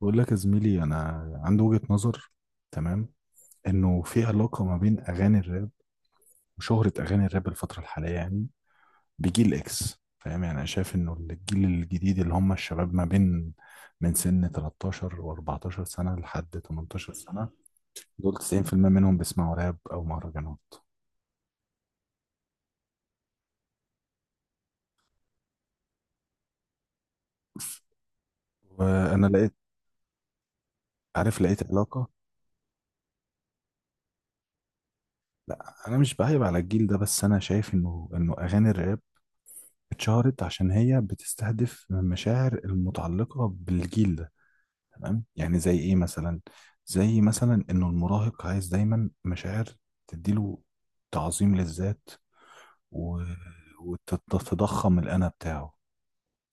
بقول لك يا زميلي، انا عندي وجهة نظر. تمام. انه في علاقة ما بين اغاني الراب وشهرة اغاني الراب الفترة الحالية، يعني بجيل اكس. فاهم؟ يعني انا شايف انه الجيل الجديد اللي هم الشباب ما بين من سن 13 و14 سنة لحد 18 سنة، دول 90% منهم بيسمعوا راب او مهرجانات. وانا لقيت علاقة. لا، انا مش بعيب على الجيل ده، بس انا شايف انه اغاني الراب اتشهرت عشان هي بتستهدف المشاعر المتعلقة بالجيل ده. تمام، يعني زي ايه مثلا؟ زي مثلا انه المراهق عايز دايما مشاعر تديله تعظيم للذات، و... وتتضخم الانا بتاعه.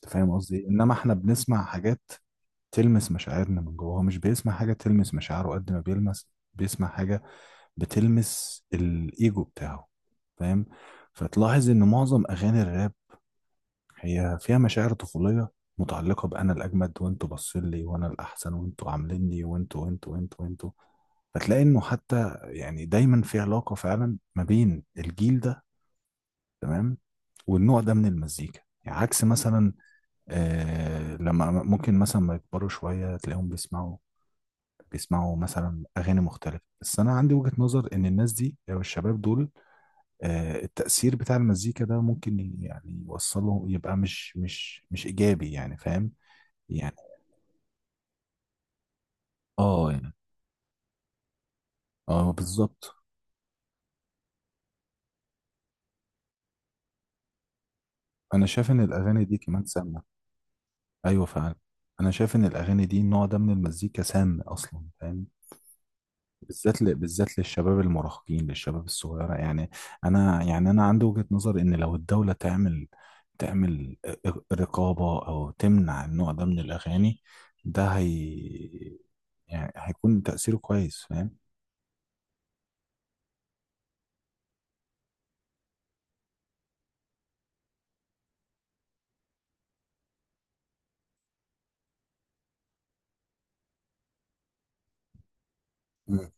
انت فاهم قصدي إيه؟ انما احنا بنسمع حاجات تلمس مشاعرنا من جوه. هو مش بيسمع حاجة تلمس مشاعره قد ما بيلمس، بيسمع حاجة بتلمس الايجو بتاعه. فاهم؟ فتلاحظ ان معظم اغاني الراب هي فيها مشاعر طفولية متعلقة بأنا الأجمد وأنتوا باصين لي وأنا الأحسن وأنتوا عامليني وأنتوا وأنتوا وأنتوا وأنتوا. فتلاقي إنه حتى يعني دايما في علاقة فعلا ما بين الجيل ده. تمام. والنوع ده من المزيكا، يعني عكس مثلا. لما ممكن مثلا ما يكبروا شوية تلاقيهم بيسمعوا مثلا أغاني مختلفة. بس أنا عندي وجهة نظر إن الناس دي أو الشباب دول، التأثير بتاع المزيكا ده ممكن يعني يوصله، يبقى مش إيجابي. يعني فاهم؟ يعني اه، يعني اه بالظبط. أنا شايف إن الأغاني دي كمان سامة. أيوه فعلا. أنا شايف إن الأغاني دي النوع ده من المزيكا سام أصلا. فاهم؟ بالذات بالذات للشباب المراهقين للشباب الصغيرة. يعني أنا، يعني أنا عندي وجهة نظر إن لو الدولة تعمل رقابة أو تمنع النوع ده من الأغاني. ده هي، يعني هيكون تأثيره كويس. فاهم؟ مم.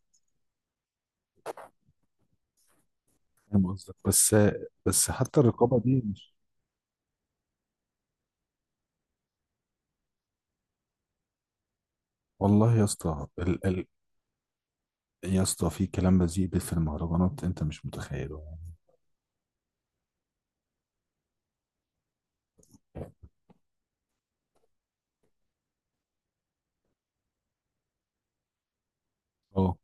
فاهم قصدك، بس بس حتى الرقابه دي مش... والله يا اسطى، يا اسطى في كلام بذيء في المهرجانات انت مش متخيله. يعني اه.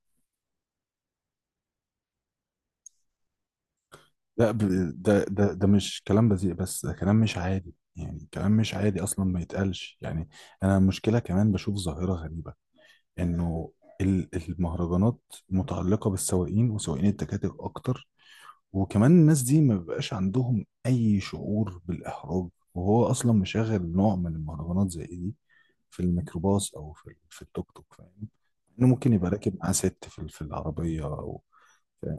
لا، ده مش كلام بذيء، بس ده كلام مش عادي. يعني كلام مش عادي اصلا، ما يتقالش يعني. انا المشكله كمان بشوف ظاهره غريبه، انه المهرجانات متعلقه بالسواقين وسواقين التكاتك اكتر. وكمان الناس دي ما بيبقاش عندهم اي شعور بالاحراج، وهو اصلا مشغل نوع من المهرجانات زي إيه دي في الميكروباص او في في التوك توك. فاهم؟ انه ممكن يبقى راكب معاه ست في في العربيه او...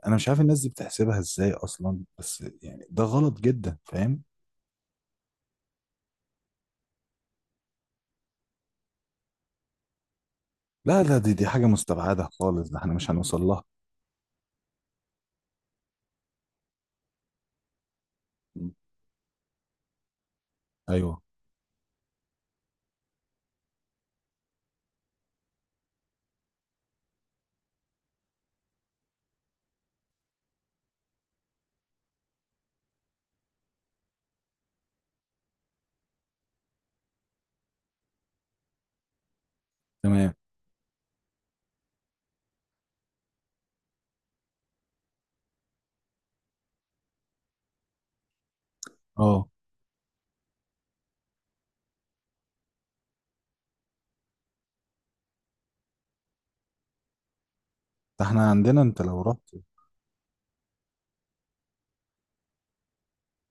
انا مش عارف الناس دي بتحسبها ازاي اصلا، بس يعني ده غلط جدا. فاهم؟ لا لا، دي حاجه مستبعده خالص. ده احنا مش هنوصل لها. ايوه. تمام. اه. ده احنا عندنا، انت لو رحت...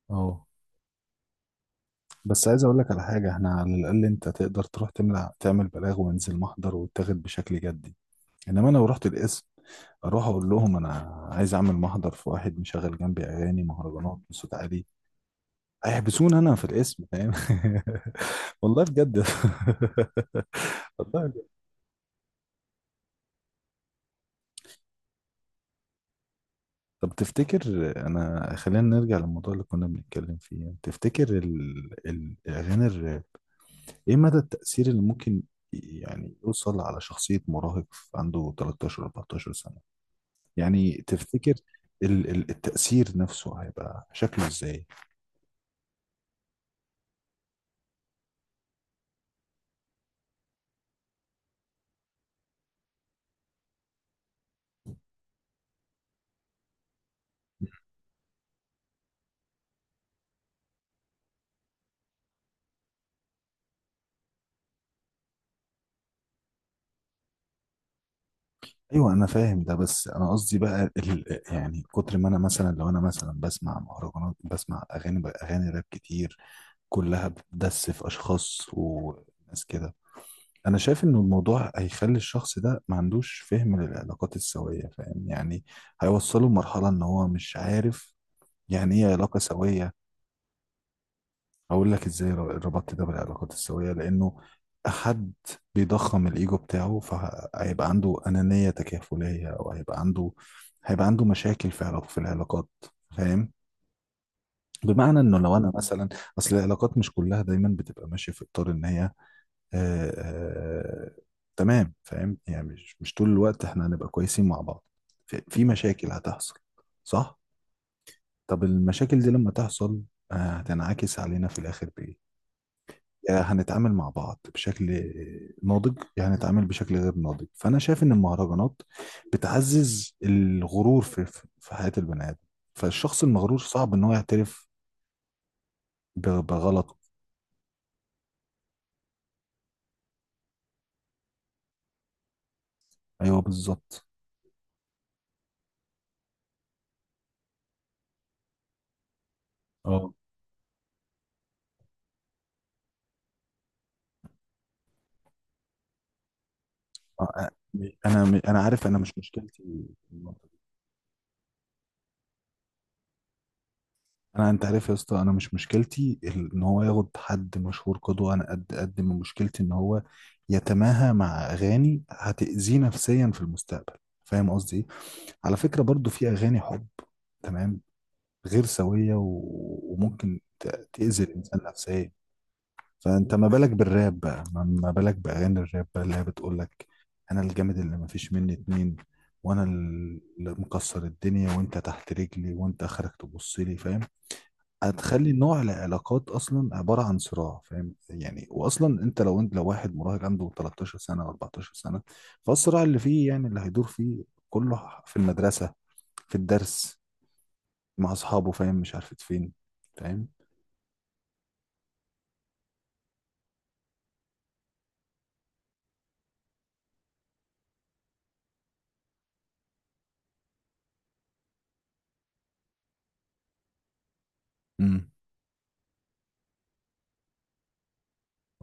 اه، بس عايز اقول لك على حاجه. احنا على الاقل انت تقدر تروح تملع تعمل بلاغ، وينزل محضر ويتاخد بشكل جدي. انما انا لو رحت القسم اروح اقول لهم انا عايز اعمل محضر في واحد مشغل جنبي اغاني مهرجانات بصوت عالي، هيحبسوني انا في القسم. فاهم؟ والله بجد. والله بجد. طب تفتكر... انا خلينا نرجع للموضوع اللي كنا بنتكلم فيه. تفتكر الاغاني ايه مدى التأثير اللي ممكن يعني يوصل على شخصية مراهق عنده 13 14 سنة؟ يعني تفتكر التأثير نفسه هيبقى شكله ازاي؟ ايوه انا فاهم ده. بس انا قصدي بقى ال يعني، كتر ما انا مثلا، لو انا مثلا بسمع مهرجانات، بسمع اغاني راب كتير كلها بتدس في اشخاص وناس كده، انا شايف ان الموضوع هيخلي الشخص ده ما عندوش فهم للعلاقات السوية. فاهم يعني؟ هيوصله لمرحلة ان هو مش عارف يعني ايه علاقة سوية. اقول لك ازاي ربطت ده بالعلاقات السوية. لانه حد بيضخم الايجو بتاعه، فهيبقى عنده انانية تكافلية، او هيبقى عنده مشاكل في في العلاقات. فاهم؟ بمعنى انه لو انا مثلا... اصل العلاقات مش كلها دايما بتبقى ماشية في اطار ان هي... آه آه تمام. فاهم يعني؟ مش طول الوقت احنا هنبقى كويسين مع بعض، في مشاكل هتحصل. صح. طب المشاكل دي لما تحصل، هتنعكس علينا في الآخر بإيه؟ يا هنتعامل مع بعض بشكل ناضج، يا هنتعامل بشكل غير ناضج. فانا شايف ان المهرجانات بتعزز الغرور في في حياة البني ادم. فالشخص المغرور صعب ان هو يعترف بغلطه. ايوه بالظبط. اه. آه، انا عارف، انا مش مشكلتي. انا، انت عارف يا اسطى، انا مش مشكلتي ان هو ياخد حد مشهور قدوة. انا قد ما مشكلتي ان هو يتماهى مع اغاني هتأذيه نفسيا في المستقبل. فاهم قصدي إيه؟ على فكرة برضو في أغاني حب، تمام، غير سوية، وممكن تأذي الإنسان نفسيا. فأنت ما بالك بالراب بقى؟ ما بالك بأغاني الراب بقى، اللي هي بتقولك: أنا الجامد اللي ما فيش مني اتنين، وأنا اللي مكسر الدنيا، وأنت تحت رجلي، وأنت آخرك تبص لي. فاهم؟ هتخلي نوع العلاقات اصلا عباره عن صراع. فاهم يعني؟ واصلا انت لو واحد مراهق عنده 13 سنه او 14 سنه، فالصراع اللي فيه يعني اللي هيدور فيه كله في المدرسه، في الدرس، مع اصحابه، فاهم، مش عارف فين. فاهم؟ امم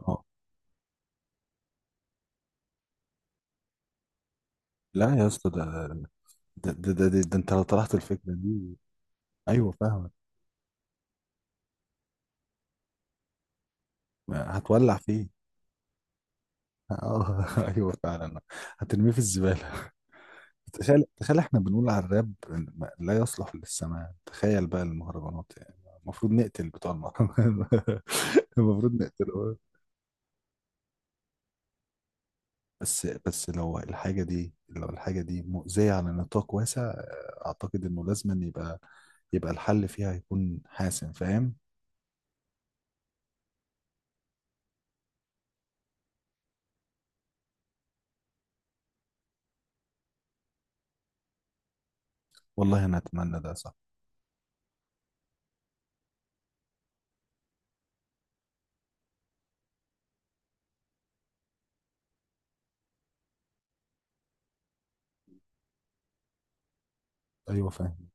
اه. لا يا اسطى، ده انت لو طرحت الفكره دي... ايوه فاهمك. هتولع فيه. اه. ايوه فعلا. هترميه في الزباله. تخيل، تخيل، احنا بنقول على الراب لا يصلح للسماع، تخيل بقى المهرجانات. يعني المفروض نقتل بتوع المهرجانات. المفروض نقتله. بس بس لو الحاجة دي، لو الحاجة دي مؤذية على نطاق واسع، أعتقد إنه لازم أن يبقى الحل فيها يكون حاسم. فاهم؟ والله أنا أتمنى ده صح. أيوه فاهم.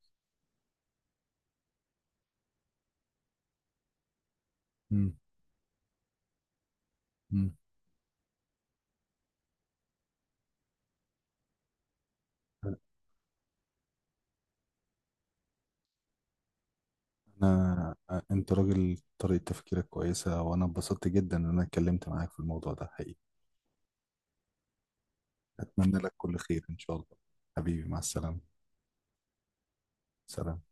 مم. مم. أنا... أنت راجل طريقة تفكيرك كويسة، وأنا اتبسطت جدا إن أنا اتكلمت معاك في الموضوع ده، حقيقي. أتمنى لك كل خير إن شاء الله. حبيبي مع السلامة. سلام.